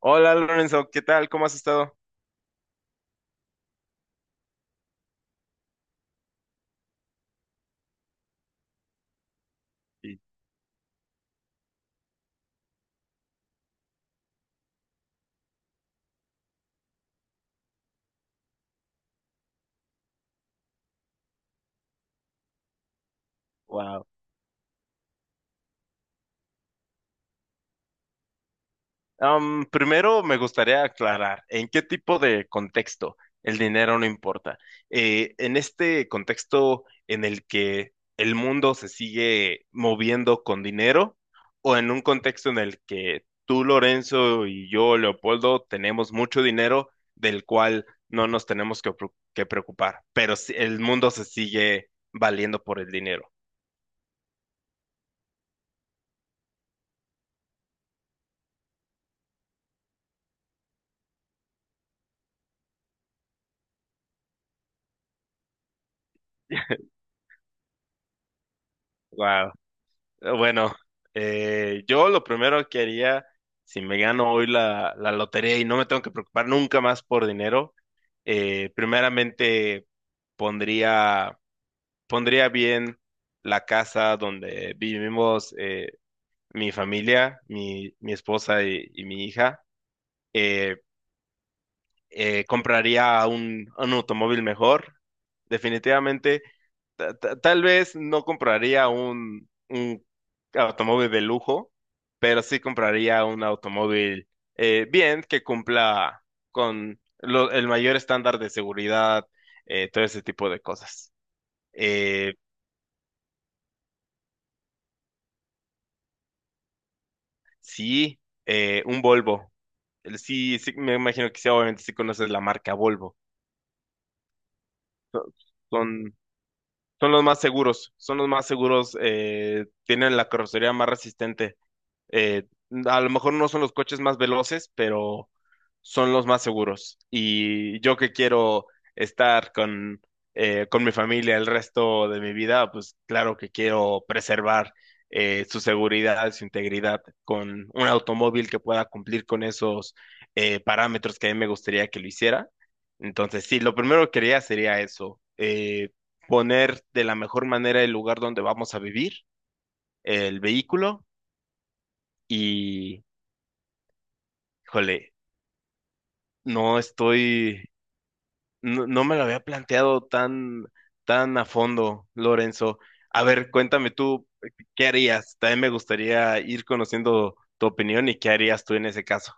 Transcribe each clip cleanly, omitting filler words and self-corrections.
Hola Lorenzo, ¿qué tal? ¿Cómo has estado? Sí, wow. Primero me gustaría aclarar en qué tipo de contexto el dinero no importa. En este contexto en el que el mundo se sigue moviendo con dinero o en un contexto en el que tú, Lorenzo, y yo, Leopoldo, tenemos mucho dinero del cual no nos tenemos que preocupar, pero el mundo se sigue valiendo por el dinero. Bueno, yo lo primero que haría si me gano hoy la lotería y no me tengo que preocupar nunca más por dinero, primeramente pondría, pondría bien la casa donde vivimos, mi familia, mi esposa y mi hija. Eh, compraría un automóvil mejor. Definitivamente, tal vez no compraría un automóvil de lujo, pero sí compraría un automóvil bien, que cumpla con el mayor estándar de seguridad, todo ese tipo de cosas. Eh, sí, un Volvo. Sí, sí, me imagino que sí, obviamente sí conoces la marca Volvo. So- Son, son los más seguros, son los más seguros, tienen la carrocería más resistente. Eh, a lo mejor no son los coches más veloces, pero son los más seguros. Y yo que quiero estar con mi familia el resto de mi vida, pues claro que quiero preservar, su seguridad, su integridad, con un automóvil que pueda cumplir con esos, parámetros que a mí me gustaría que lo hiciera. Entonces, sí, lo primero que haría sería eso, poner de la mejor manera el lugar donde vamos a vivir, el vehículo. Híjole, no estoy, no, no me lo había planteado tan, tan a fondo, Lorenzo. A ver, cuéntame tú, ¿qué harías? También me gustaría ir conociendo tu opinión y qué harías tú en ese caso.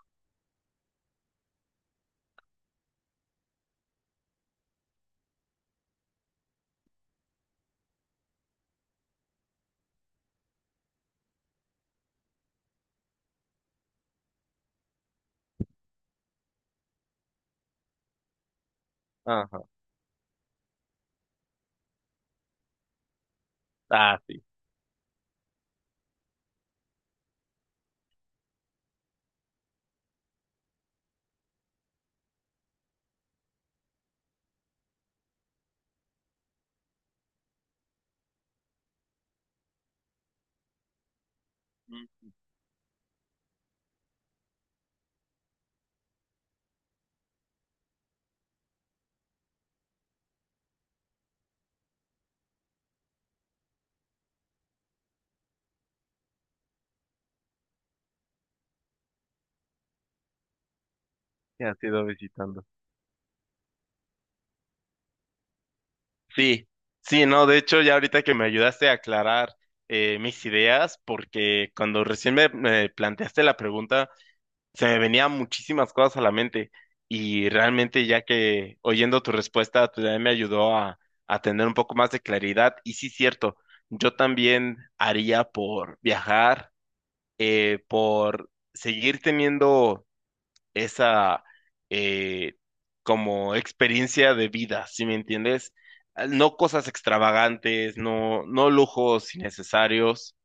Ajá. Ah, sí. Mm. ¿Qué has ido visitando? Sí, sí, no, de hecho ya ahorita que me ayudaste a aclarar mis ideas, porque cuando recién me planteaste la pregunta, se me venían muchísimas cosas a la mente y realmente ya que oyendo tu respuesta, pues también me ayudó a tener un poco más de claridad y sí, cierto, yo también haría por viajar, por seguir teniendo esa, eh, como experiencia de vida, ¿sí me entiendes? Ah, no cosas extravagantes, no, no lujos innecesarios.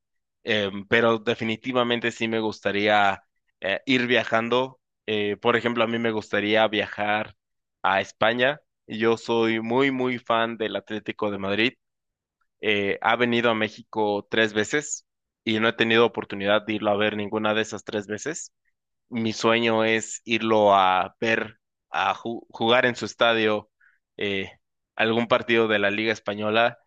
Pero definitivamente sí me gustaría, ir viajando. Por ejemplo, a mí me gustaría viajar a España. Yo soy muy, muy fan del Atlético de Madrid. Ha venido a México 3 veces y no he tenido oportunidad de irlo a ver ninguna de esas 3 veces. Mi sueño es irlo a ver, a jugar en su estadio, eh, algún partido de la Liga Española.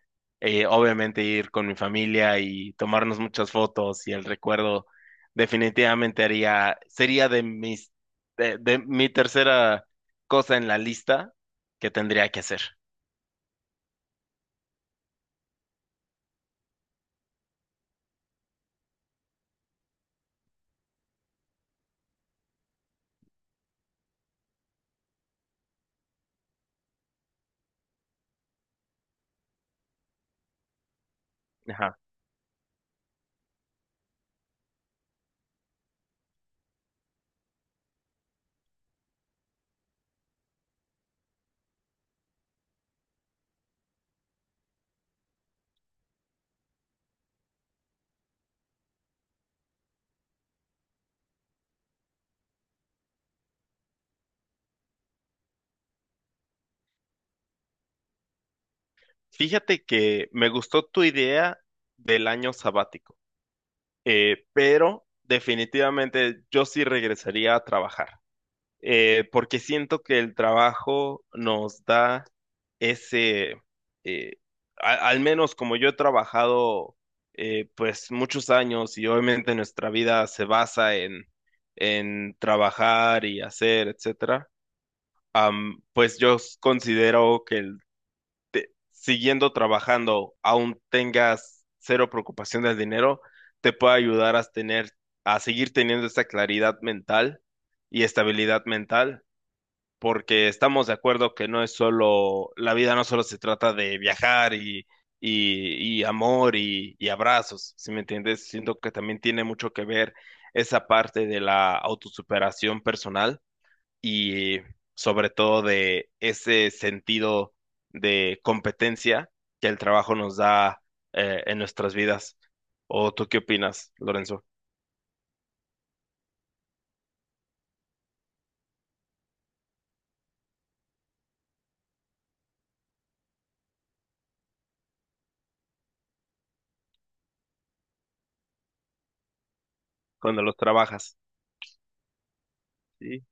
Obviamente ir con mi familia y tomarnos muchas fotos, y el recuerdo definitivamente haría, sería de mis, de mi tercera cosa en la lista que tendría que hacer. Ajá. Fíjate que me gustó tu idea del año sabático, pero definitivamente yo sí regresaría a trabajar. Porque siento que el trabajo nos da ese, eh, al menos como yo he trabajado, pues muchos años, y obviamente nuestra vida se basa en trabajar y hacer, etcétera. Pues yo considero que siguiendo trabajando, aún tengas cero preocupación del dinero, te puede ayudar a tener, a seguir teniendo esa claridad mental y estabilidad mental, porque estamos de acuerdo que no es solo, la vida no solo se trata de viajar y amor y abrazos, ¿sí me entiendes? Siento que también tiene mucho que ver esa parte de la autosuperación personal y sobre todo de ese sentido de competencia que el trabajo nos da, en nuestras vidas. ¿O tú qué opinas, Lorenzo, cuando los trabajas? Sí.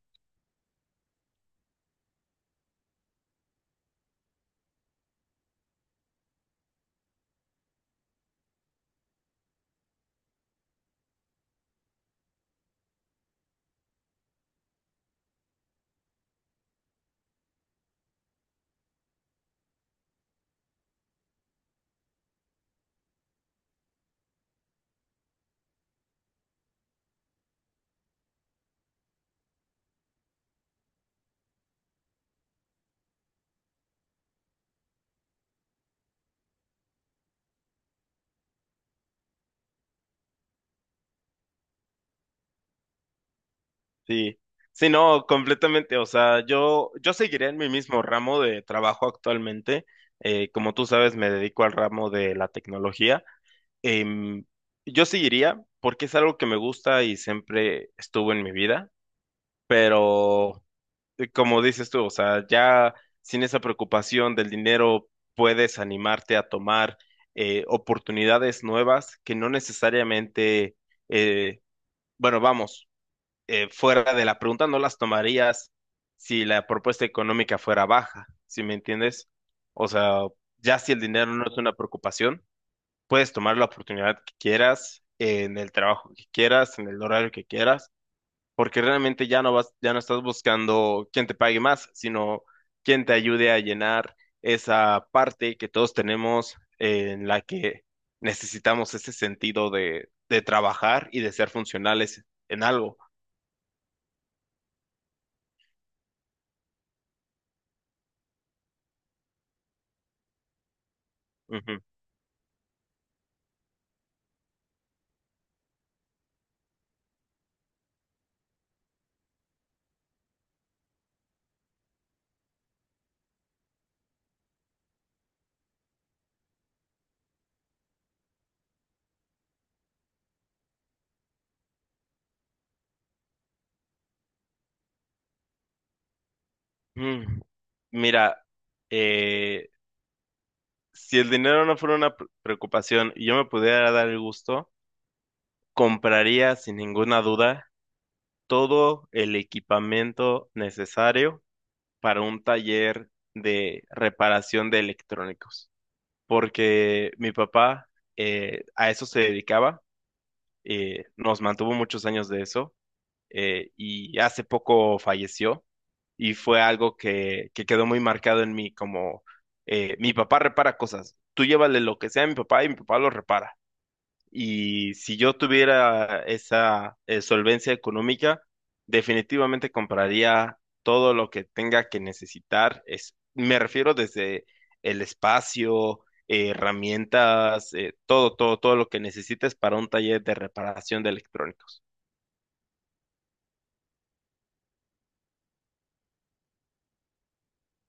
Sí, sí, no, completamente. O sea, yo seguiré en mi mismo ramo de trabajo actualmente. Como tú sabes, me dedico al ramo de la tecnología. Em, yo seguiría porque es algo que me gusta y siempre estuvo en mi vida, pero como dices tú, o sea, ya sin esa preocupación del dinero puedes animarte a tomar, oportunidades nuevas que no necesariamente, eh, bueno, vamos, fuera de la pregunta no las tomarías si la propuesta económica fuera baja, ¿sí me entiendes? O sea, ya si el dinero no es una preocupación, puedes tomar la oportunidad que quieras, en el trabajo que quieras, en el horario que quieras, porque realmente ya no vas, ya no estás buscando quién te pague más, sino quién te ayude a llenar esa parte que todos tenemos en la que necesitamos ese sentido de trabajar y de ser funcionales en algo. Mm. Mira, eh, si el dinero no fuera una preocupación y yo me pudiera dar el gusto, compraría sin ninguna duda todo el equipamiento necesario para un taller de reparación de electrónicos, porque mi papá, a eso se dedicaba, nos mantuvo muchos años de eso, y hace poco falleció, y fue algo que quedó muy marcado en mí, como, mi papá repara cosas, tú llévale lo que sea a mi papá y mi papá lo repara. Y si yo tuviera esa, solvencia económica, definitivamente compraría todo lo que tenga que necesitar. Es, me refiero desde el espacio, herramientas, todo, todo, todo lo que necesites para un taller de reparación de electrónicos.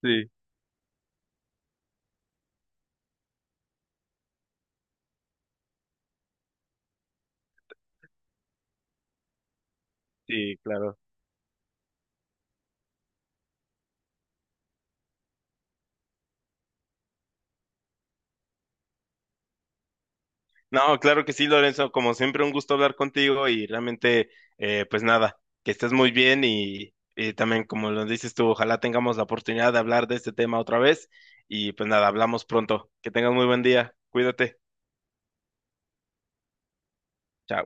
Sí, sí, claro. No, claro que sí, Lorenzo. Como siempre, un gusto hablar contigo, y realmente, pues nada, que estés muy bien, y también, como lo dices tú, ojalá tengamos la oportunidad de hablar de este tema otra vez, y pues nada, hablamos pronto. Que tengas muy buen día. Cuídate. Chao.